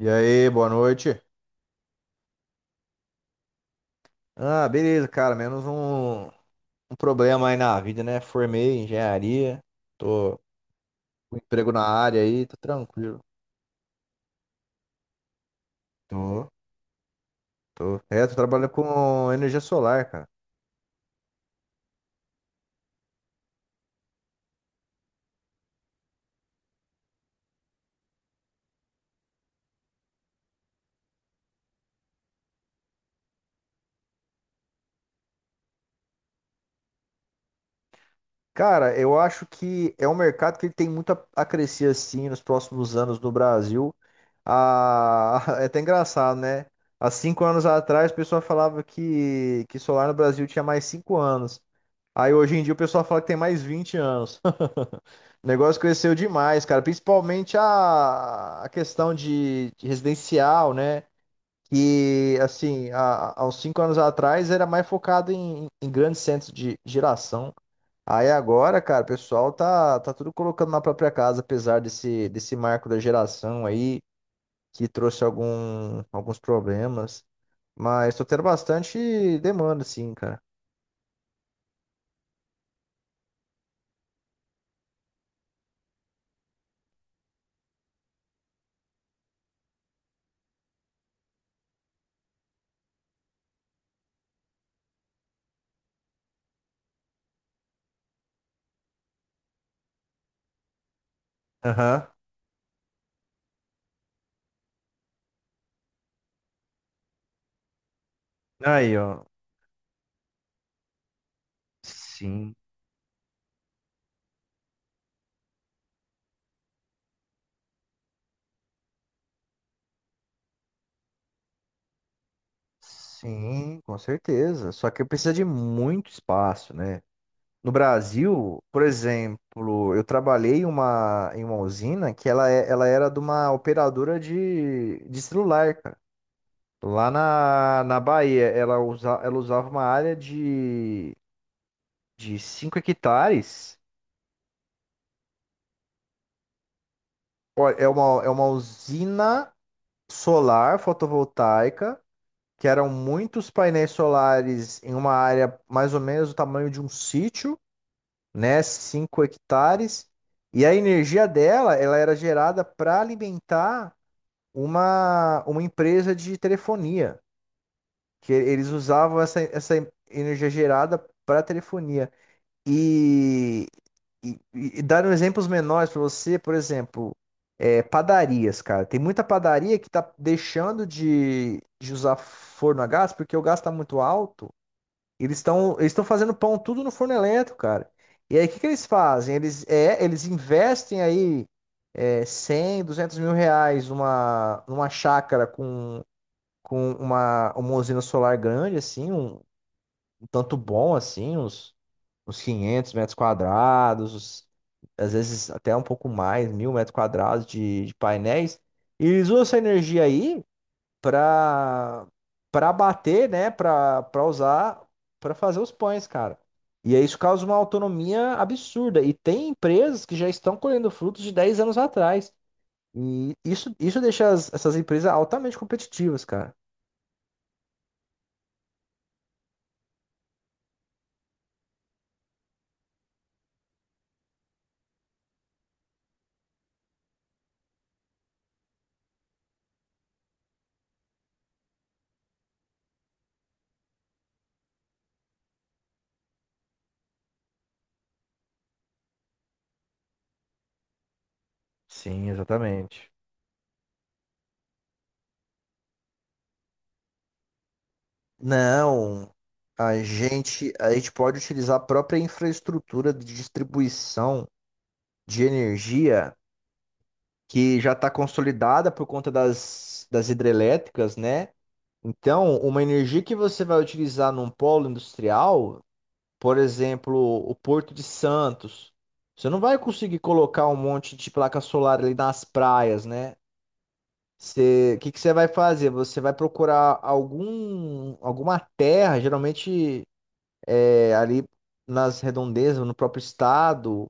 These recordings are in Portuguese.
E aí, boa noite. Ah, beleza, cara. Menos um problema aí na vida, né? Formei em engenharia, tô com emprego na área aí, tô tranquilo. Tô, tô. É, tô trabalhando com energia solar, cara. Cara, eu acho que é um mercado que ele tem muito a crescer assim nos próximos anos no Brasil. Ah, é até engraçado, né? Há 5 anos atrás, o pessoal falava que solar no Brasil tinha mais 5 anos. Aí hoje em dia o pessoal fala que tem mais 20 anos. O negócio cresceu demais, cara. Principalmente a questão de residencial, né? Que, assim, há uns 5 anos atrás era mais focado em grandes centros de geração. Aí agora, cara, o pessoal tá tudo colocando na própria casa, apesar desse marco da geração aí, que trouxe alguns problemas. Mas tô tendo bastante demanda, sim, cara. Aham. Aí, ó. Sim. Sim, com certeza. Só que precisa de muito espaço, né? No Brasil, por exemplo, eu trabalhei em uma usina que ela era de uma operadora de celular, cara. Lá na Bahia, ela usava uma área de 5 hectares. Ó, é uma usina solar fotovoltaica, que eram muitos painéis solares em uma área mais ou menos do tamanho de um sítio, né? 5 hectares. E a energia dela, ela era gerada para alimentar uma empresa de telefonia, que eles usavam essa energia gerada para telefonia. E, e dando exemplos menores para você, por exemplo, padarias, cara. Tem muita padaria que tá deixando de usar forno a gás porque o gás está muito alto. Eles estão fazendo pão tudo no forno elétrico, cara. E aí, o que que eles fazem? Eles investem aí 100, 200 mil reais numa chácara com uma usina solar grande, assim, um tanto bom, assim, uns 500 metros quadrados, às vezes até um pouco mais, 1000 metros quadrados de painéis. E eles usam essa energia aí para para bater, né, para usar para fazer os pães, cara. E aí isso causa uma autonomia absurda. E tem empresas que já estão colhendo frutos de 10 anos atrás. E isso deixa essas empresas altamente competitivas, cara. Sim, exatamente. Não, a gente pode utilizar a própria infraestrutura de distribuição de energia que já está consolidada por conta das hidrelétricas, né? Então, uma energia que você vai utilizar num polo industrial, por exemplo, o Porto de Santos, você não vai conseguir colocar um monte de placa solar ali nas praias, né? O que que você vai fazer? Você vai procurar alguma terra, geralmente ali nas redondezas, no próprio estado,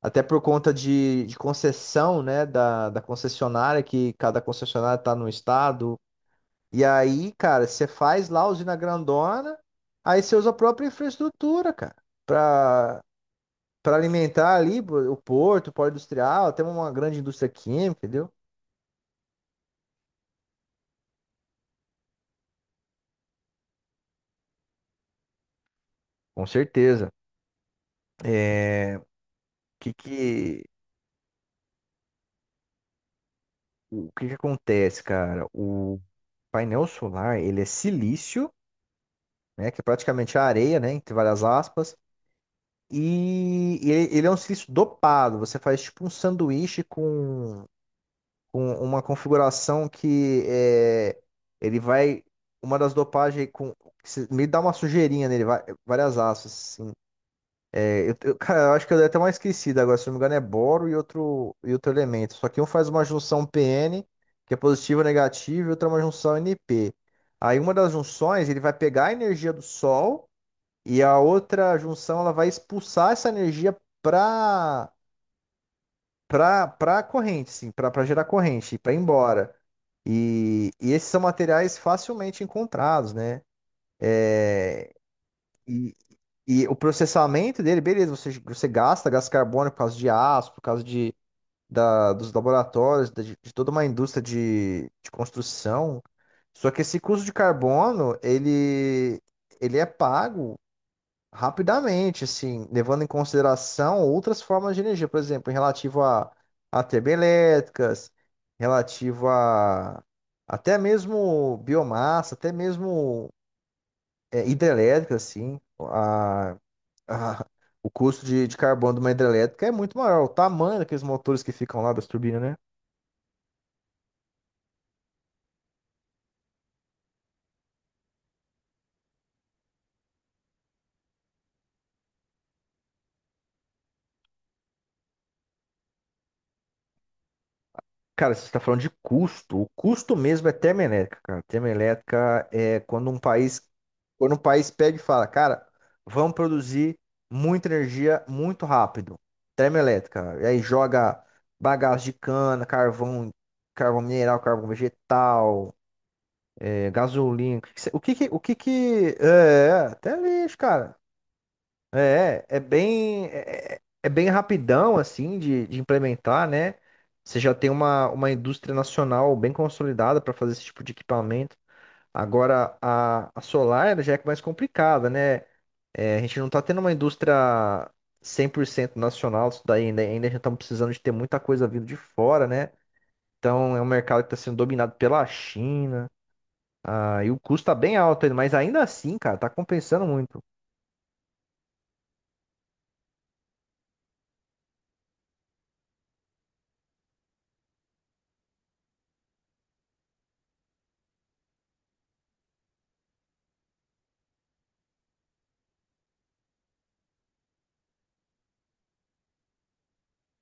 até por conta de concessão, né, da concessionária, que cada concessionária está no estado. E aí, cara, você faz lá a usina grandona, aí você usa a própria infraestrutura, cara, para para alimentar ali pô, o porto, o polo industrial, até uma grande indústria química, entendeu? Com certeza. É, que que, o que que acontece, cara? O painel solar, ele é silício, né, que é praticamente a areia, né, entre várias aspas, e ele é um silício dopado. Você faz tipo um sanduíche com uma configuração que é, ele vai. Uma das dopagens com. Me dá uma sujeirinha nele, várias asas, assim. Cara, eu acho que eu dei até uma esquecida agora, se não me engano, é boro e outro elemento. Só que um faz uma junção PN, que é positivo ou negativo, e outra é uma junção NP. Aí uma das junções, ele vai pegar a energia do Sol, e a outra junção, ela vai expulsar essa energia para para corrente, sim, para gerar corrente, para ir embora. E esses são materiais facilmente encontrados, né? E, e o processamento dele, beleza, você gasta gás carbônico por causa de aço, por causa dos laboratórios, de toda uma indústria de construção. Só que esse custo de carbono, ele é pago, rapidamente, assim, levando em consideração outras formas de energia, por exemplo, em relativo a termoelétricas, relativo a até mesmo biomassa, até mesmo hidrelétrica, assim, a- o custo de carbono de uma hidrelétrica é muito maior, o tamanho daqueles motores que ficam lá das turbinas, né? Cara, você está falando de custo. O custo mesmo é termoelétrica, cara. Termoelétrica é quando um país pega e fala, cara, vamos produzir muita energia muito rápido. Termoelétrica. E aí joga bagaço de cana, carvão, carvão mineral, carvão vegetal, gasolina. O que que- é, Até lixo, cara. É bem rapidão, assim, de implementar, né? Você já tem uma indústria nacional bem consolidada para fazer esse tipo de equipamento. Agora, a solar ela já é mais complicada, né? É, a gente não está tendo uma indústria 100% nacional, isso daí ainda, a gente está precisando de ter muita coisa vindo de fora, né? Então, é um mercado que está sendo dominado pela China, e o custo está bem alto, ainda, mas ainda assim, cara, tá compensando muito.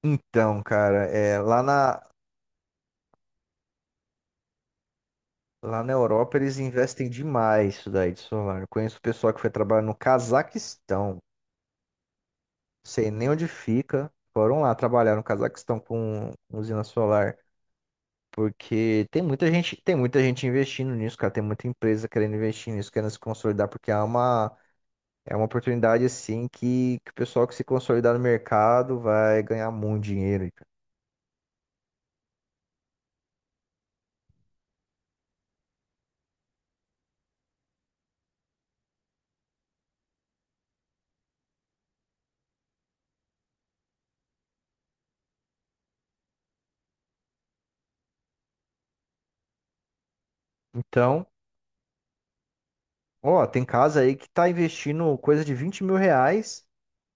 Então, cara, Lá na Europa eles investem demais isso daí de solar. Eu conheço o pessoal que foi trabalhar no Cazaquistão. Não sei nem onde fica. Foram lá trabalhar no Cazaquistão com usina solar. Porque tem muita gente investindo nisso, cara. Tem muita empresa querendo investir nisso, querendo se consolidar, porque é uma oportunidade assim que o pessoal que se consolidar no mercado vai ganhar muito dinheiro. Então, ó, tem casa aí que tá investindo coisa de R$ 20.000.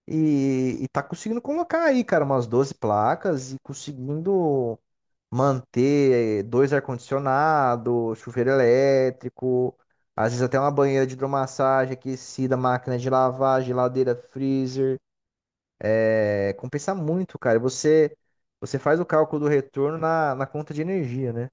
E tá conseguindo colocar aí, cara, umas 12 placas e conseguindo manter dois ar-condicionado, chuveiro elétrico, às vezes até uma banheira de hidromassagem aquecida, máquina de lavar, geladeira, freezer. É, compensa muito, cara. E você faz o cálculo do retorno na conta de energia, né?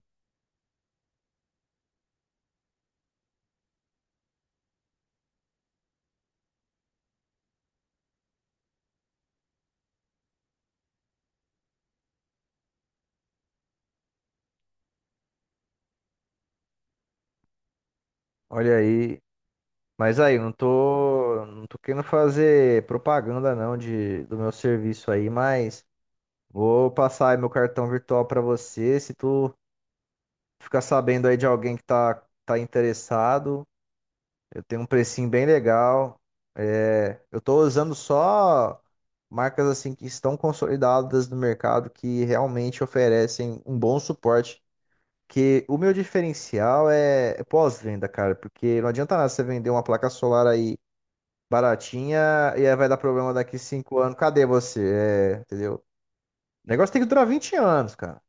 Olha aí. Mas aí, eu não tô querendo fazer propaganda não do meu serviço aí, mas. Vou passar aí meu cartão virtual pra você. Se tu ficar sabendo aí de alguém que tá interessado, eu tenho um precinho bem legal. É, eu tô usando só marcas assim que estão consolidadas no mercado, que realmente oferecem um bom suporte. Que o meu diferencial é pós-venda, cara, porque não adianta nada você vender uma placa solar aí baratinha e aí vai dar problema daqui 5 anos. Cadê você? É, entendeu? O negócio tem que durar 20 anos, cara.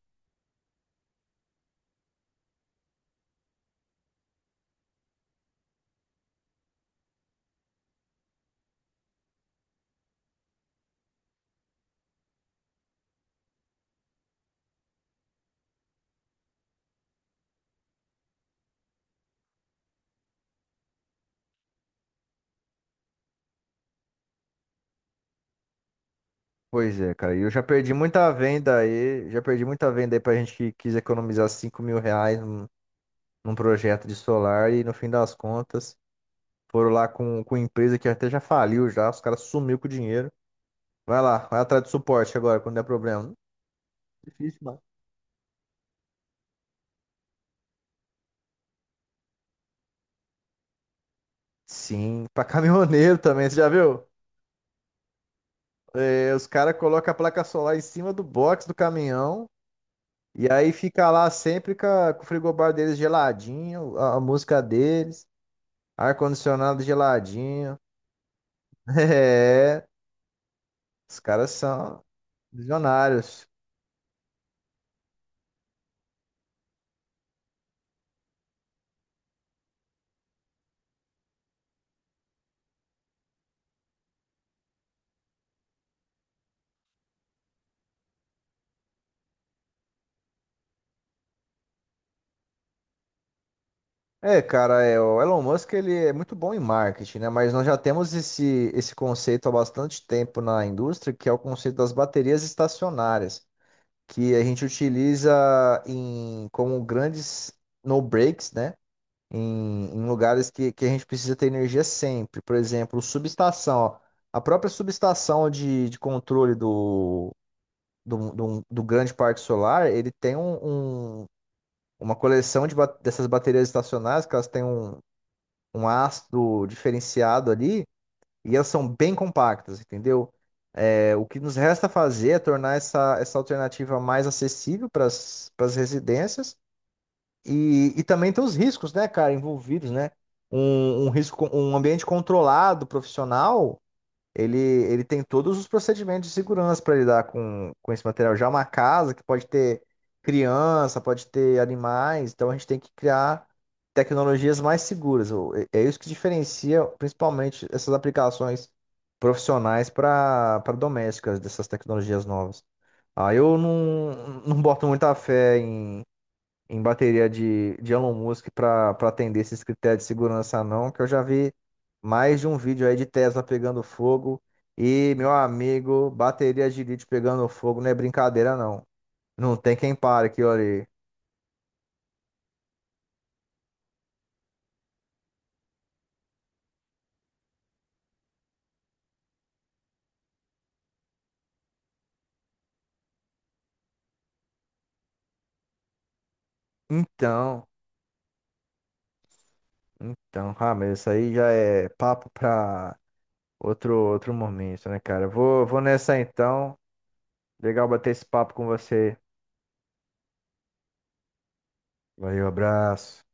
Pois é, cara. E eu já perdi muita venda aí. Já perdi muita venda aí pra gente que quis economizar R$ 5.000 num projeto de solar. E no fim das contas, foram lá com empresa que até já faliu já. Os caras sumiu com o dinheiro. Vai lá, vai atrás de suporte agora, quando der problema. Difícil, mano. Sim, pra caminhoneiro também, você já viu? É, os caras colocam a placa solar em cima do box do caminhão. E aí fica lá sempre com o frigobar deles geladinho, a música deles, ar-condicionado geladinho. É, os caras são visionários. É, cara, o Elon Musk ele é muito bom em marketing, né? Mas nós já temos esse conceito há bastante tempo na indústria, que é o conceito das baterias estacionárias, que a gente utiliza em como grandes no breaks, né? Em lugares que a gente precisa ter energia sempre. Por exemplo, subestação. Ó. A própria subestação de controle do grande parque solar, ele tem uma coleção de dessas baterias estacionárias, que elas têm um ácido diferenciado ali, e elas são bem compactas, entendeu? É, o que nos resta fazer é tornar essa alternativa mais acessível para as residências e também tem os riscos, né, cara, envolvidos, né? Um ambiente controlado, profissional, ele tem todos os procedimentos de segurança para lidar com esse material. Já é uma casa que pode ter criança, pode ter animais, então a gente tem que criar tecnologias mais seguras. É isso que diferencia principalmente essas aplicações profissionais para domésticas dessas tecnologias novas. Ah, eu não boto muita fé em bateria de Elon Musk para atender esses critérios de segurança, não, que eu já vi mais de um vídeo aí de Tesla pegando fogo e, meu amigo, bateria de lítio pegando fogo não é brincadeira, não. Não tem quem pare aqui, olha. Então, então, mas isso aí já é papo para outro momento, né, cara? Vou nessa então. Legal bater esse papo com você. Valeu, abraço.